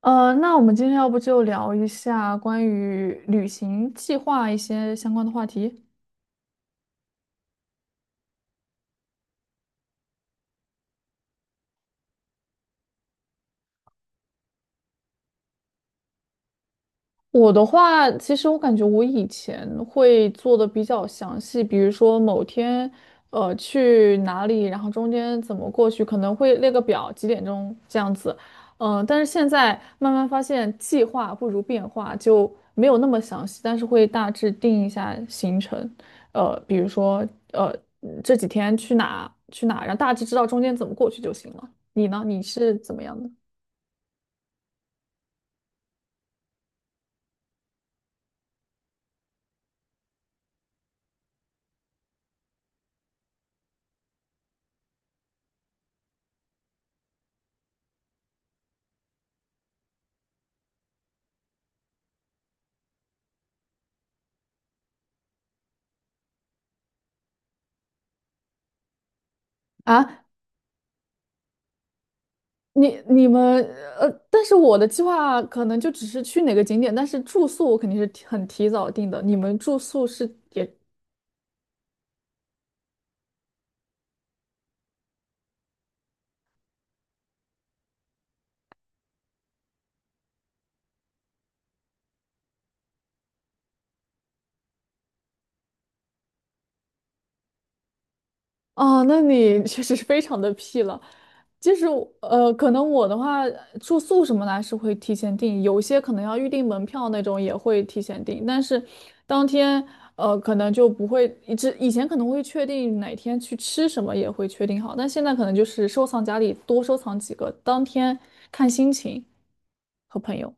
那我们今天要不就聊一下关于旅行计划一些相关的话题。我的话，其实我感觉我以前会做的比较详细，比如说某天，去哪里，然后中间怎么过去，可能会列个表，几点钟这样子。嗯，但是现在慢慢发现计划不如变化，就没有那么详细，但是会大致定一下行程。比如说，呃，这几天去哪去哪，然后大致知道中间怎么过去就行了。你呢？你是怎么样的？啊，你们但是我的计划可能就只是去哪个景点，但是住宿我肯定是提早定的。你们住宿是也啊，那你 确实是非常的屁了。就是可能我的话，住宿什么的还是会提前订，有些可能要预订门票那种也会提前订，但是当天可能就不会，一直以前可能会确定哪天去吃什么也会确定好，但现在可能就是收藏夹里多收藏几个，当天看心情和朋友。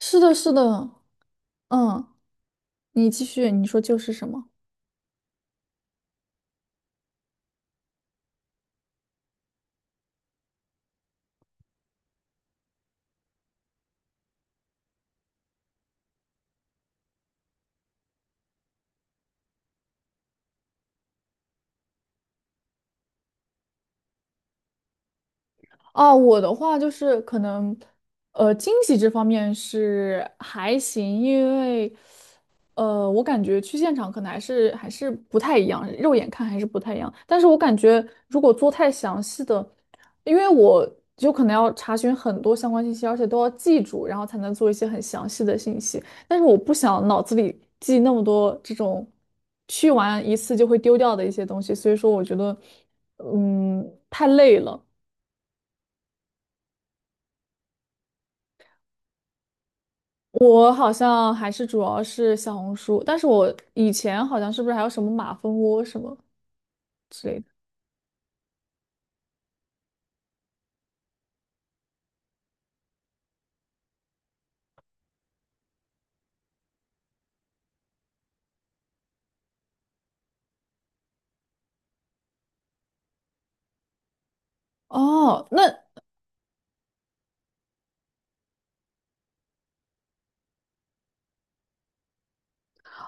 是的，是的，嗯，你继续，你说就是什么？啊，我的话就是可能，惊喜这方面是还行，因为我感觉去现场可能还是不太一样，肉眼看还是不太一样。但是我感觉如果做太详细的，因为我就可能要查询很多相关信息，而且都要记住，然后才能做一些很详细的信息。但是我不想脑子里记那么多这种去完一次就会丢掉的一些东西，所以说我觉得，嗯，太累了。我好像还是主要是小红书，但是我以前好像是不是还有什么马蜂窝什么？之类的。哦，那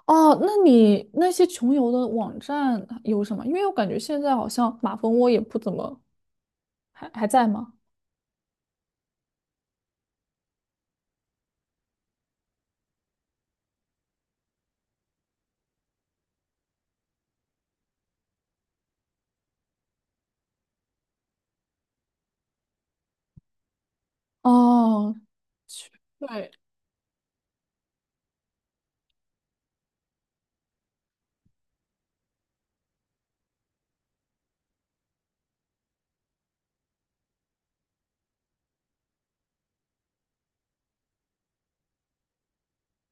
哦，那你那些穷游的网站有什么？因为我感觉现在好像马蜂窝也不怎么还还在吗？哦，去对，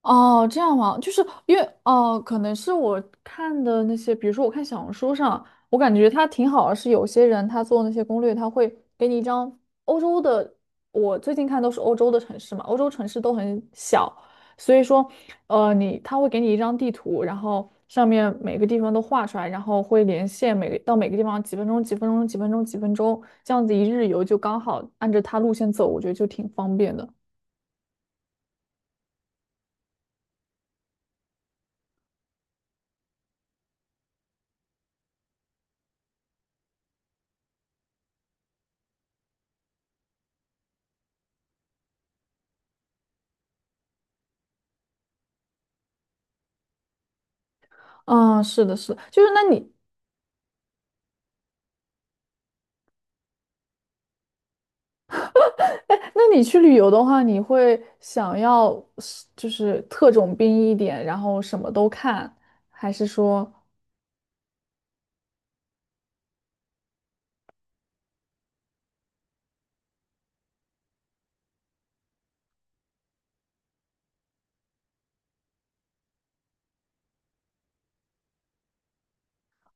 哦，这样吗？就是因为哦，可能是我看的那些，比如说我看小红书上，我感觉它挺好的，是有些人他做那些攻略，他会给你一张欧洲的，我最近看都是欧洲的城市嘛，欧洲城市都很小，所以说，你他会给你一张地图，然后上面每个地方都画出来，然后会连线每个到每个地方几分钟、几分钟、几分钟、几分钟，这样子一日游就刚好按着它路线走，我觉得就挺方便的。啊，是的，是的，就是那你那你去旅游的话，你会想要是就是特种兵一点，然后什么都看，还是说，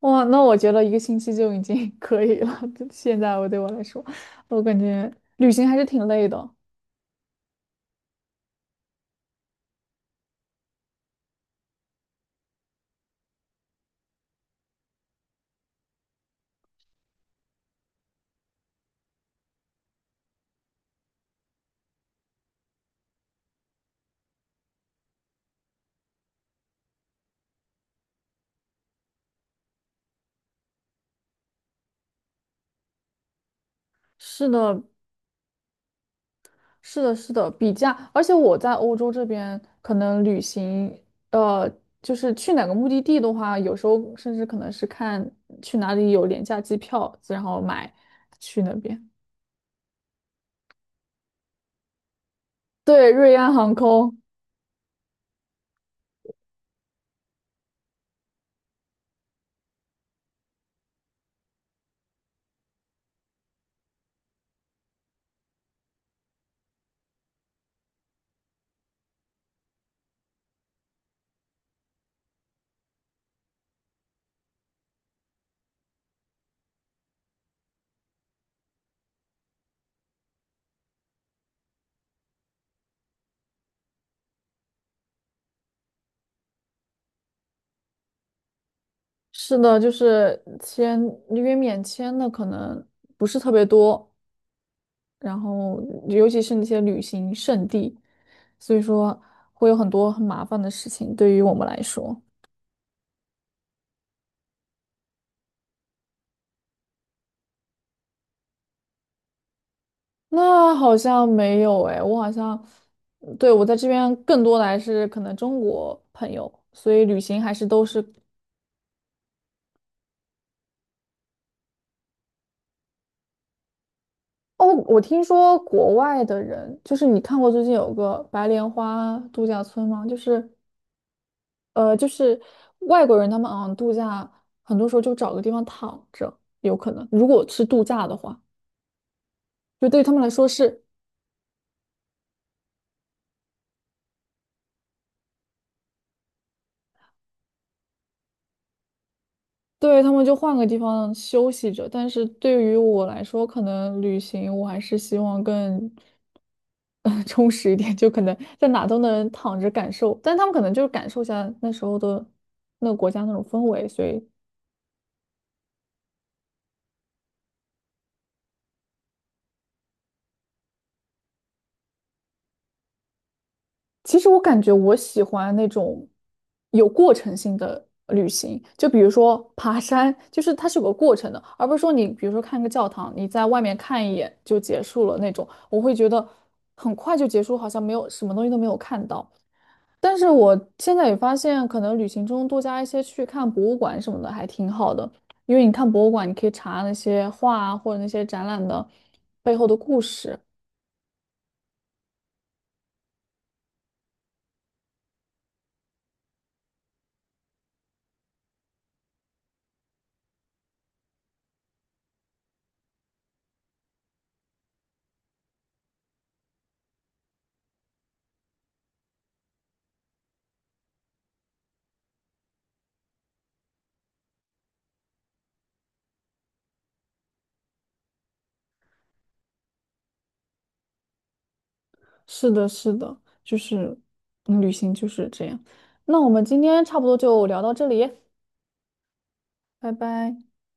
哇，那我觉得一个星期就已经 可以了。就现在我对我来说，我感觉旅行还是挺累的。是的，是的，是的，比价，而且我在欧洲这边可能旅行，呃，就是去哪个目的地的话，有时候甚至可能是看去哪里有廉价机票，然后买去那边。对，瑞安航空。是的，就是签，因为免签的可能不是特别多，然后尤其是那些旅行胜地，所以说会有很多很麻烦的事情对于我们来说。那好像没有诶，我好像，对，我在这边更多的还是可能中国朋友，所以旅行还是都是。哦，我听说国外的人，就是你看过最近有个白莲花度假村吗？就是。就是外国人他们好像度假，很多时候就找个地方躺着，有可能。如果是度假的话，就对于他们来说是，对他们就换个地方休息着。但是对于我来说，可能旅行我还是希望更，充实一点，就可能在哪都能躺着感受。但他们可能就是感受一下那时候的那个国家那种氛围，所以其实我感觉我喜欢那种有过程性的旅行，就比如说爬山，就是它是有个过程的，而不是说你比如说看个教堂，你在外面看一眼就结束了那种，我会觉得很快就结束，好像没有什么东西都没有看到。但是我现在也发现，可能旅行中多加一些去看博物馆什么的还挺好的，因为你看博物馆，你可以查那些画啊或者那些展览的背后的故事。是的，是的，就是嗯旅行就是这样。那我们今天差不多就聊到这里，拜拜。